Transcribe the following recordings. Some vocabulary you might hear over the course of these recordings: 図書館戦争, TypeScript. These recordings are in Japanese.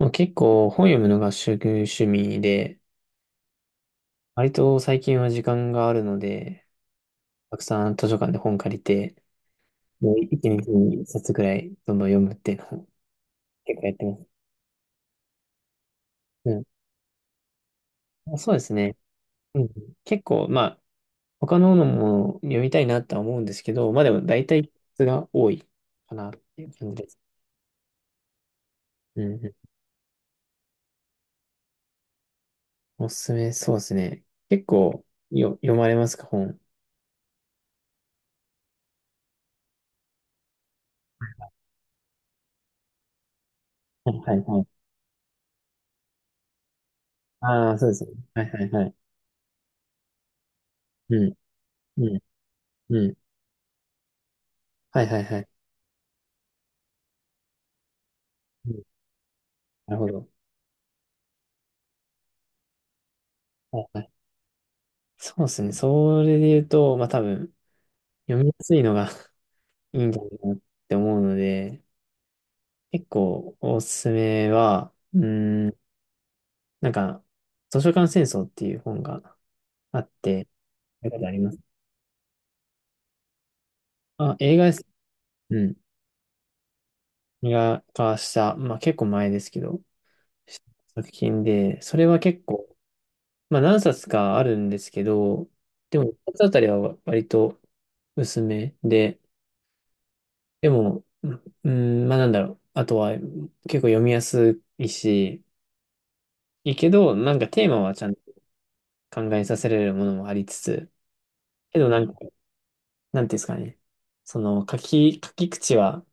まあ、結構本読むのが主趣味で、割と最近は時間があるので、たくさん図書館で本借りて、もう一気に一冊ぐらいどんどん読むっていうのを結構やってます。うん。まあそうですね。うん。結構、まあ、他ののも読みたいなとは思うんですけど、まあでも大体質が多いかなっていう感じです。うんうん。おすすめ、そうですね。結構読まれますか、本。はいはいはい。ああ、そうですね。はいはいはい。うん。うん。うん。はいはいはい。なるほど。はいはい。そうですね。それで言うと、まあ多分、読みやすいのが いいんじゃないかなって思うので、結構おすすめは、なんか、図書館戦争っていう本があって、見たことあります。あ、映画です。うん。映画化した、まあ結構前ですけど、作品で、それは結構、まあ何冊かあるんですけど、でも一冊あたりは割と薄めで、でも、うん、まあなんだろう。あとは、結構読みやすいし、いいけど、なんかテーマはちゃんと考えさせられるものもありつつ、けどなんか、なんていうんですかね。その、書き口は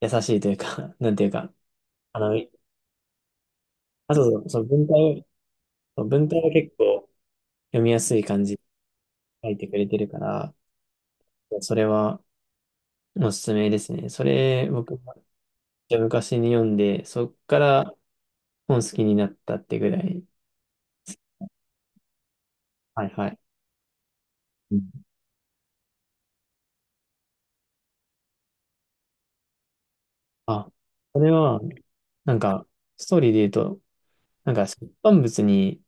優しいというか、なんていうか、あの、あ、そうそう、その文体は結構読みやすい感じで書いてくれてるから、それはおすすめですね。それ、僕も昔に読んで、そっから本好きになったってぐらい。はいはい。あ、それは、なんか、ストーリーで言うと、なんか、出版物に、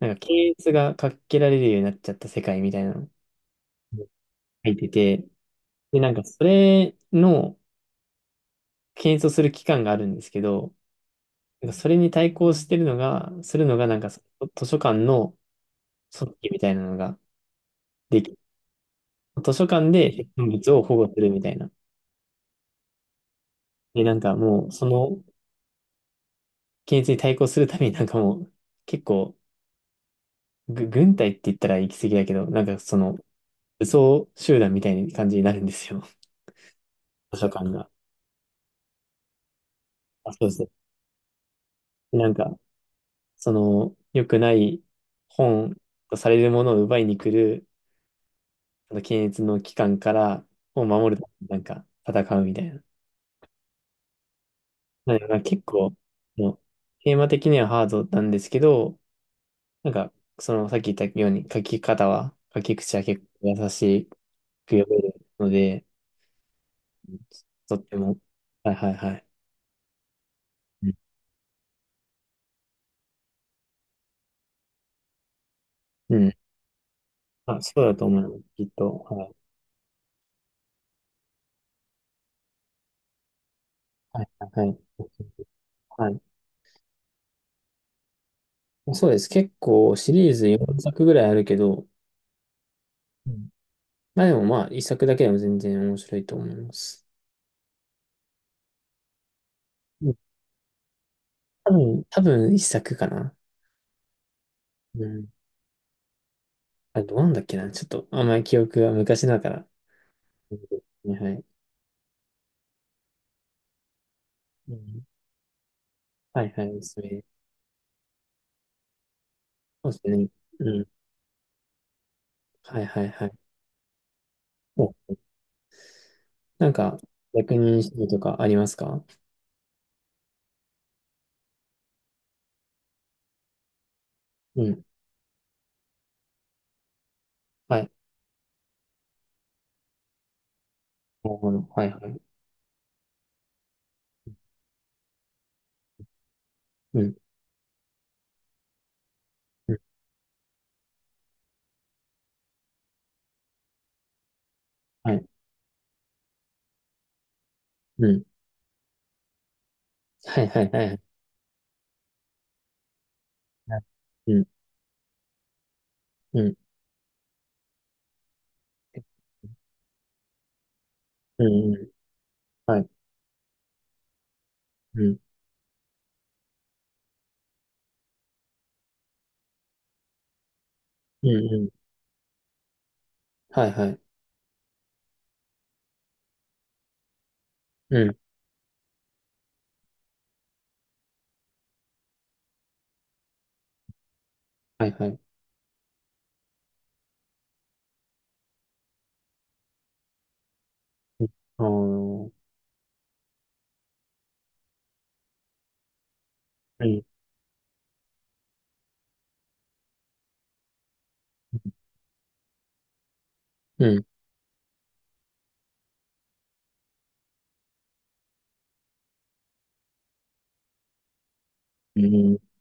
なんか、検閲がかけられるようになっちゃった世界みたいなのを書いてて、で、なんか、それの検閲をする機関があるんですけど、なんか、それに対抗してるのが、するのが、なんか、その図書館の組織みたいなのができ、図書館で出版物を保護するみたいな。で、なんか、もう、その検閲に対抗するために、なんかもう、結構、軍隊って言ったら行き過ぎだけど、なんか、その、武装集団みたいな感じになるんですよ。図書館が。あ、そうです。でなんか、その、良くない本とされるものを奪いに来る、あの検閲の機関から本を守るためになんか戦うみたいな。なんか結構、もうテーマ的にはハードなんですけど、なんか、そのさっき言ったように書き口は結構優しく読めるので、うん、とっても。はいはいはい。うん。うん、あ、そうだと思う。きっと。はいはい、はい。はい。そうです。結構シリーズ4作ぐらいあるけど、うん、まあでもまあ一作だけでも全然面白いと思います。うん、多分1作かな。うん。あれどうなんだっけな。ちょっとあんまり記憶が昔だから。うん、はい。うん、はいはい、それ。そうですね。うん。はいはいはい。お、なんか、役人主義とかありますか？うん。はい。なるほど。はいはい。うん。うん。はい。うん。はいはいはいはい。うん。うん。うんうん。はい。うん。うんうん。はいはい。うん。はいはい。うん。あーうん。うん。うんうん。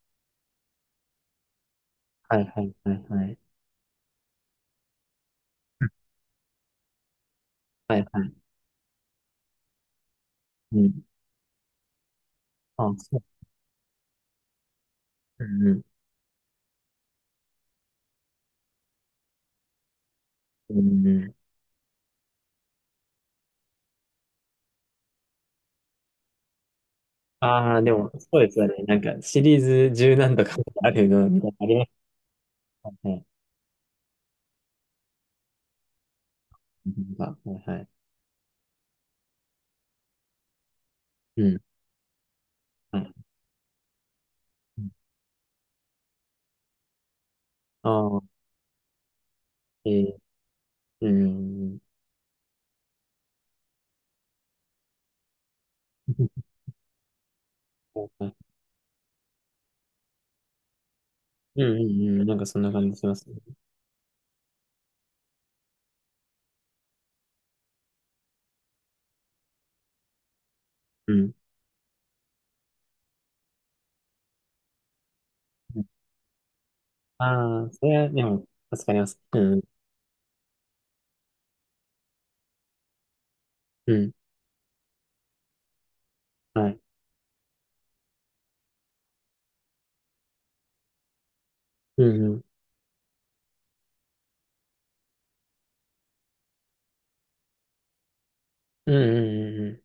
はいはいはいはい。うん。はいはい。うん。あ、そう。うんうん。うんうん。ああ、でも、そうですよね。なんか、シリーズ十何とかあるの、みたいな、ありましたね。う、はいはい。うん。はい。ああ、えー、うん。はいはい。うんうんうん。なんかそんな感じしますね。うん。ああ、それは、でも、助かります。うん。うん。はい。うんうんうんうん。うんうん。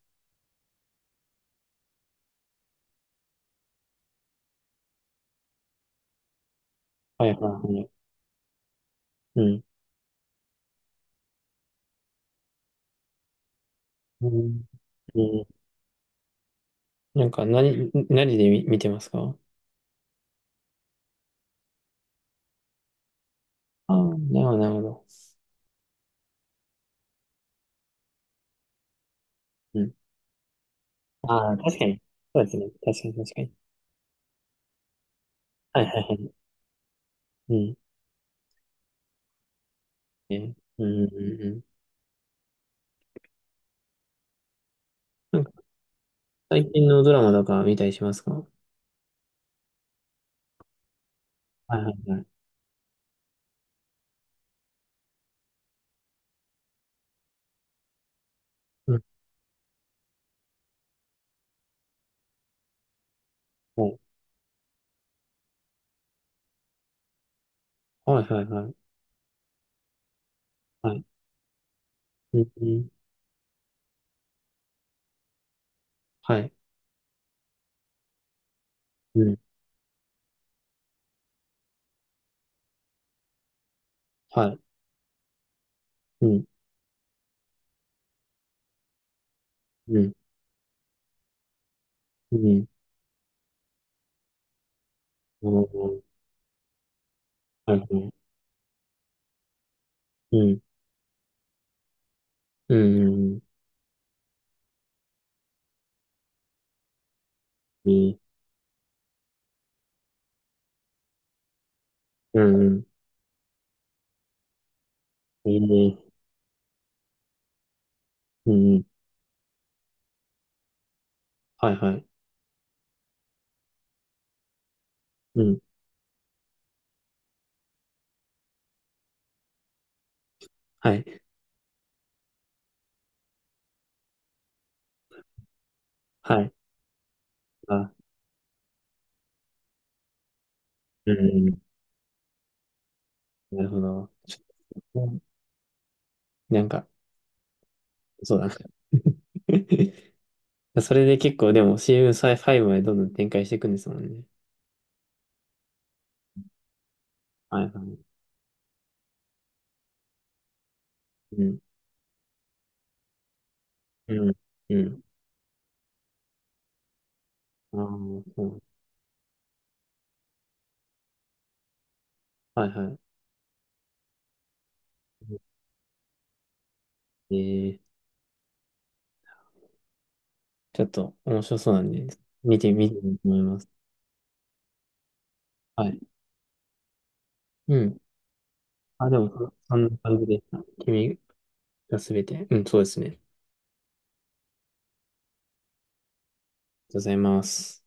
はいはいはい。うんうんうん。なんか何で見てますか？ああー、なるほどなるほど。うん。ああ、確かに。そうですね、確かに確かに。はいはいはい。うん。ね、うんうんうんうん。なんか最近のドラマとか見たりしますか？はいはいはい。うん。はいはいはいはい。うんうん。はい。うん。はい。うんうんうん。おー、はいはい。うんうんうんうん、いい。うんうん、いいね。うん。はいはい。うん。はい。はい。あ、うん。なるほど。ちょっと、なんか、そうだな。それで結構、でも CM5 までどんどん展開していくんですもんね。はいはい。うん。うん。うん。ああ、そう。はいはい。ちょっと面白そうなんで、見てみようと思います。はい。うん。あ、でも、そんな感じでした。君がすべて。うん、そうですね。ありがとうございます。